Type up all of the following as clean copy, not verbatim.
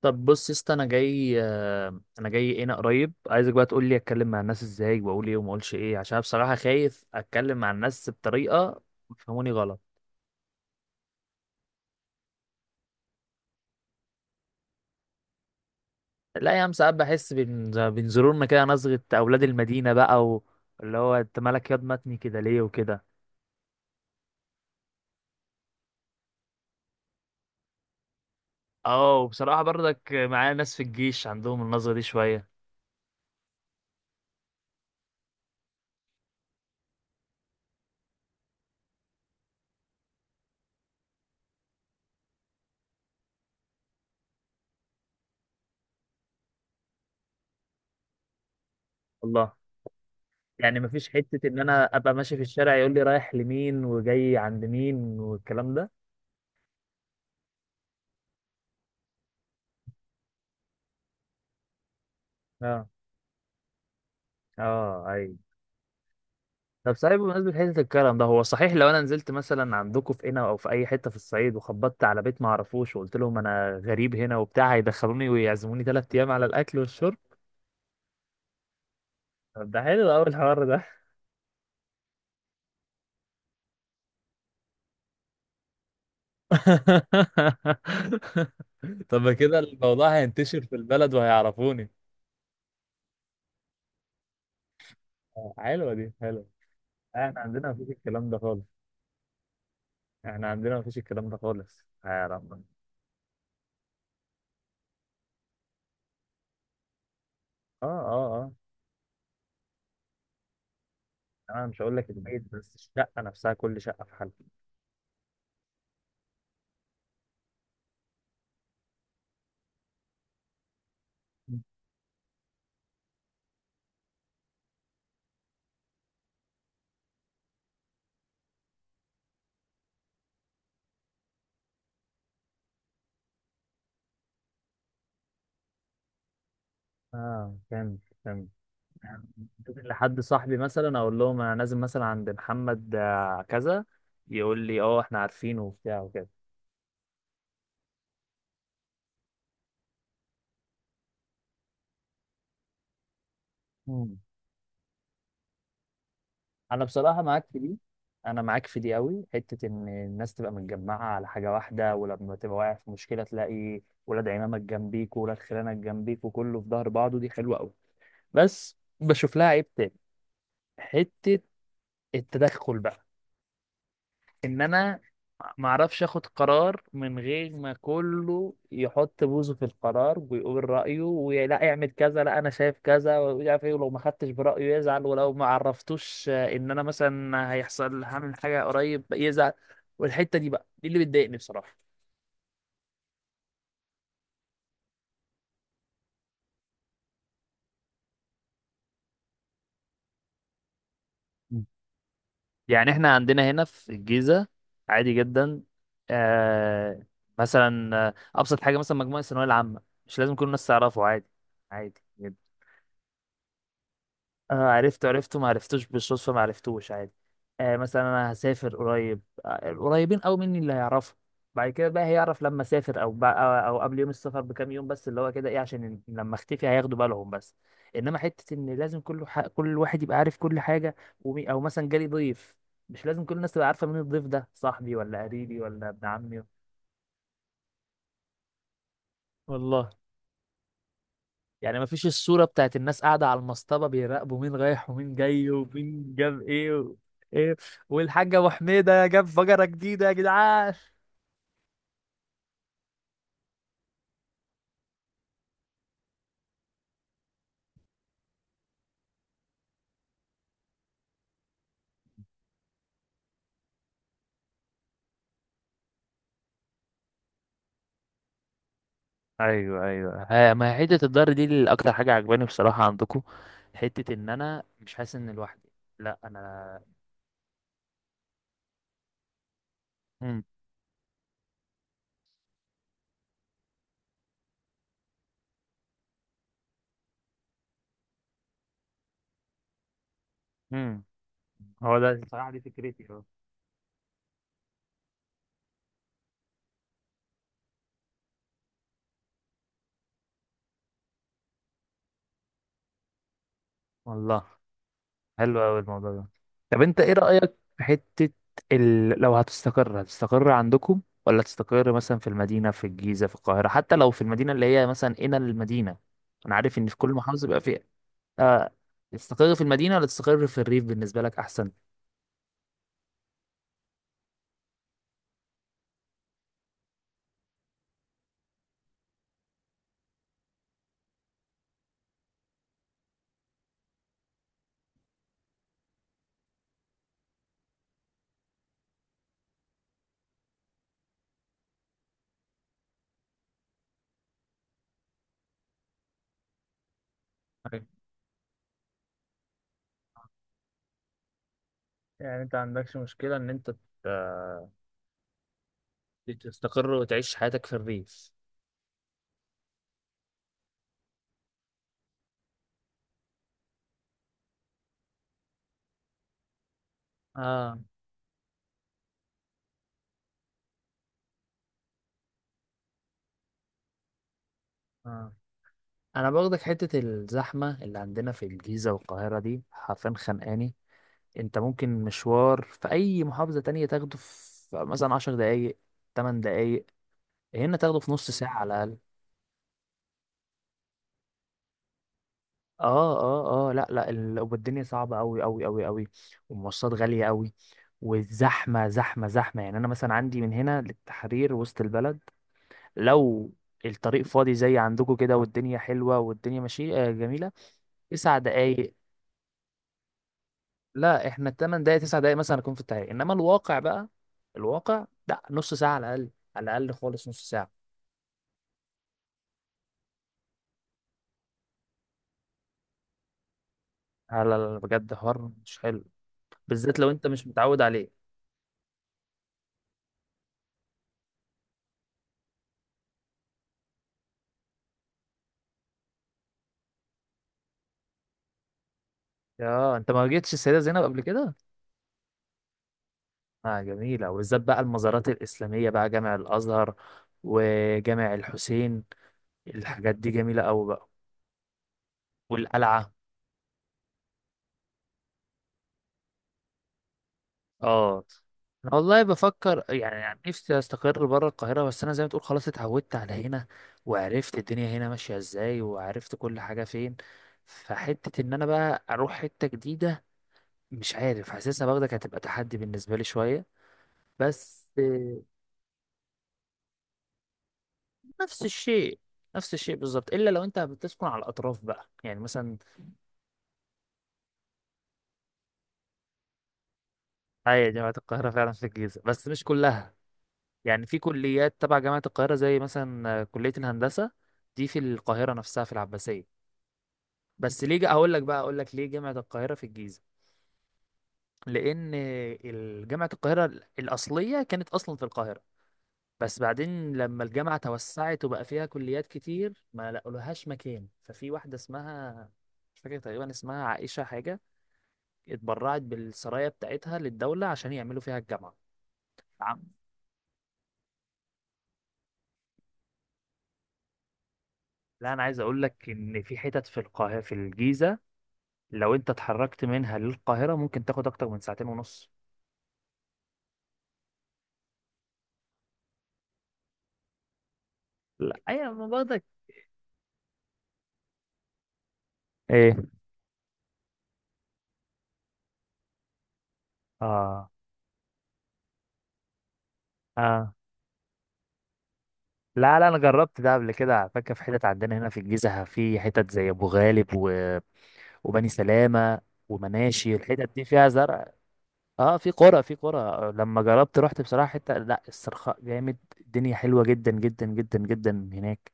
طب بص يا اسطى، انا جاي انا جاي هنا قريب. عايزك بقى تقول لي اتكلم مع الناس ازاي، واقول ايه وما اقولش ايه، عشان أنا بصراحه خايف اتكلم مع الناس بطريقه يفهموني غلط. لا يا عم، ساعات بحس بينظرونا كده نظره اولاد المدينه بقى. اللي هو انت مالك ياض متني كده ليه؟ وكده. اه، وبصراحه برضك معايا ناس في الجيش عندهم النظره دي شويه. والله؟ يعني مفيش حته ان انا ابقى ماشي في الشارع يقول لي رايح لمين وجاي عند مين والكلام ده؟ اه اه ايوه. طب صحيح، بمناسبة حتة الكرم ده، هو صحيح لو أنا نزلت مثلا عندكم في قنا أو في أي حتة في الصعيد، وخبطت على بيت ما أعرفوش، وقلت لهم أنا غريب هنا وبتاع، هيدخلوني ويعزموني 3 أيام على الأكل والشرب؟ طب ده حلو أوي الحوار ده. طب ما كده الموضوع هينتشر في البلد وهيعرفوني. حلوة دي، حلوة. احنا عندنا مفيش الكلام ده خالص. احنا عندنا مفيش الكلام ده خالص. يا رب. اه اه اه. انا مش هقول لك البيت، بس الشقة نفسها، كل شقة في حالها. اه، كمل كمل. ممكن لحد صاحبي مثلا اقول لهم انا نازل مثلا عند محمد كذا، يقول لي اه احنا عارفينه وبتاع وكده. مم. انا بصراحه معاك في دي. انا معاك في دي قوي، حته ان الناس تبقى متجمعه على حاجه واحده، ولما تبقى واقع في مشكله تلاقي ولاد عمامك جنبيك وولاد خلانك جنبيك وكله في ظهر بعضه، دي حلوه قوي. بس بشوف لها عيب تاني، حته التدخل بقى. ان انا ما اعرفش اخد قرار من غير ما كله يحط بوزه في القرار ويقول رايه، ولا اعمل كذا، لا انا شايف كذا ومش عارف ايه، ولو ما خدتش برايه يزعل، ولو ما عرفتوش ان انا مثلا هيحصل هعمل حاجه قريب يزعل. والحته دي بقى دي اللي بتضايقني بصراحه. مم. يعني احنا عندنا هنا في الجيزه عادي جدا. آه، مثلا ابسط حاجه، مثلا مجموعه الثانويه العامه، مش لازم كل الناس تعرفه، عادي. عادي. اه، عرفته عرفته، ما عرفتوش بالصدفة، ما عرفتوش، عادي. آه، مثلا انا هسافر قريب، القريبين قوي مني اللي هيعرفوا. بعد كده بقى هيعرف لما اسافر، او أو قبل يوم السفر بكام يوم بس، اللي هو كده ايه، عشان لما اختفي هياخدوا بالهم بس. انما حتة ان لازم كل واحد يبقى عارف كل حاجة. او مثلا جالي ضيف، مش لازم كل الناس تبقى عارفة مين الضيف ده، صاحبي ولا قريبي ولا ابن عمي. والله. يعني مفيش الصورة بتاعت الناس قاعدة على المصطبة بيراقبوا مين رايح ومين جاي ومين جاب ايه. ايه، والحاجة ابو حميدة جاب بقرة جديدة يا جدعان. ايوه ايوه. ها، ما هي حته الضهر دي اللي اكتر حاجه عجباني بصراحه عندكم. حته ان انا مش حاسس ان لوحدي، لا انا. امم امم هو ده بصراحه، دي فكرتي، اه. والله، حلو قوي الموضوع ده. طب انت ايه رأيك في حتة لو هتستقر، هتستقر عندكم، ولا تستقر مثلا في المدينة، في الجيزة، في القاهرة، حتى لو في المدينة اللي هي مثلا هنا المدينة؟ انا عارف ان في كل محافظة بيبقى فيها آه... تستقر في المدينة ولا تستقر في الريف بالنسبة لك احسن؟ طيب. يعني انت عندكش مشكلة ان انت ت- تستقر وتعيش حياتك في الريف؟ اه اه. انا باخدك حتة الزحمة اللي عندنا في الجيزة والقاهرة دي حرفيا خانقاني. انت ممكن مشوار في اي محافظة تانية تاخده في مثلا 10 دقايق، 8 دقايق، هنا تاخده في نص ساعة على الأقل. اه اه اه، لا لا، والدنيا صعبة أوي أوي أوي أوي، والمواصلات غالية أوي، والزحمة زحمة زحمة. يعني أنا مثلا عندي من هنا للتحرير، وسط البلد، لو الطريق فاضي زي عندكم كده والدنيا حلوة والدنيا ماشية جميلة، 9 دقايق. لا، احنا ال 8 دقايق 9 دقايق مثلا أكون في الطريق، إنما الواقع بقى، الواقع لا، نص ساعة على الأقل. على الأقل خالص نص ساعة. لا لا لا، بجد حوار مش حلو، بالذات لو انت مش متعود عليه. يا انت ما جيتش السيدة زينب قبل كده؟ اه، جميلة، وبالذات بقى المزارات الإسلامية بقى، جامع الأزهر وجامع الحسين. الحاجات دي جميلة أوي بقى، والقلعة. اه، انا والله بفكر يعني, يعني نفسي استقر بره القاهرة، بس انا زي ما تقول خلاص اتعودت على هنا، وعرفت الدنيا هنا ماشية ازاي، وعرفت كل حاجة فين. فحتة ان انا بقى اروح حتة جديدة، مش عارف، حاسسها باخدك هتبقى تحدي بالنسبة لي شوية. بس نفس الشيء. نفس الشيء بالظبط، الا لو انت بتسكن على الاطراف بقى، يعني مثلا. هي جامعه القاهره فعلا في الجيزه، بس مش كلها. يعني في كليات تبع جامعه القاهره زي مثلا كليه الهندسه، دي في القاهره نفسها في العباسيه. بس ليه، هقول لك بقى، اقول لك ليه جامعه القاهره في الجيزه. لان جامعه القاهره الاصليه كانت اصلا في القاهره، بس بعدين لما الجامعه توسعت وبقى فيها كليات كتير، ما لقولهاش مكان، ففي واحده اسمها، مش فاكر تقريبا اسمها عائشه حاجه، اتبرعت بالسرايا بتاعتها للدولة عشان يعملوا فيها الجامعة. نعم. لا، انا عايز اقول لك ان في حتت في القاهره في الجيزه، لو انت اتحركت منها للقاهره ممكن تاخد اكتر من ساعتين ونص. لا، أيوة، ما برضك. ايه؟ اه اه، لا لا، انا جربت ده قبل كده. على فكره في حتت عندنا هنا في الجيزه، في حتت زي ابو غالب، وبني سلامه، ومناشي، الحتت دي فيها زرع. اه، في قرى، في قرى. لما جربت رحت بصراحه حته، لا، الصرخاء جامد، الدنيا حلوه جدا جدا جدا جدا هناك.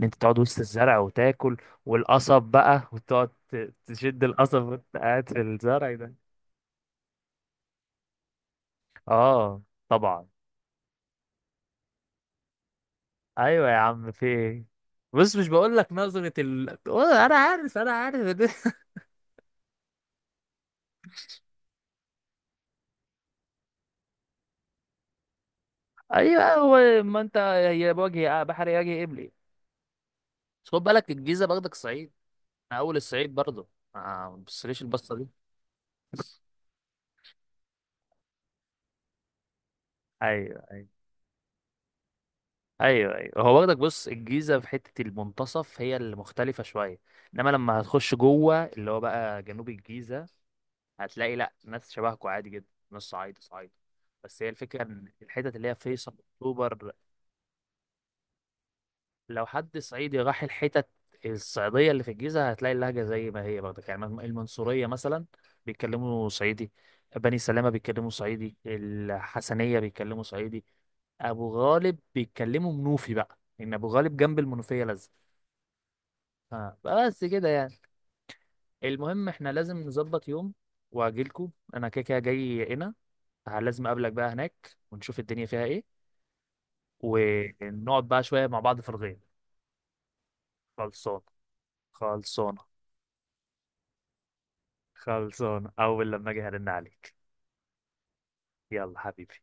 ان انت تقعد وسط الزرع وتاكل، والقصب بقى. وتقعد تشد القصب وانت قاعد في الزرع ده. اه طبعا. ايوه يا عم، في ايه؟ بص، مش بقول لك نظره والله انا عارف، انا عارف. ايوه، هو ما انت، هي بوجه بحر يجي قبلي، بس خد بالك الجيزه باخدك الصعيد، انا اول الصعيد برضه. آه، ما بصليش البصه دي. ايوه أيوة. ايوه ايوه، هو واخدك، بص الجيزه في حته المنتصف هي اللي مختلفه شويه، انما لما هتخش جوه اللي هو بقى جنوب الجيزه هتلاقي، لا، ناس شبهكوا عادي جدا، ناس صعايده صعايده. بس هي الفكره ان الحتت اللي هي فيصل اكتوبر. لو حد صعيدي راح الحتت الصعيديه اللي في الجيزه هتلاقي اللهجه زي ما هي برضه. يعني المنصوريه مثلا بيتكلموا صعيدي، بني سلامه بيتكلموا صعيدي، الحسنيه بيتكلموا صعيدي، ابو غالب بيتكلموا منوفي، بقى ان ابو غالب جنب المنوفيه لازقه. اه، بس كده يعني. المهم احنا لازم نظبط يوم واجيلكوا، انا كده كده جاي هنا، لازم اقابلك بقى هناك ونشوف الدنيا فيها ايه، ونقعد بقى شوية مع بعض في الغيط. خلصانة. خلصانة. خلصانة، اول لما اجي هرن عليك. يلا حبيبي.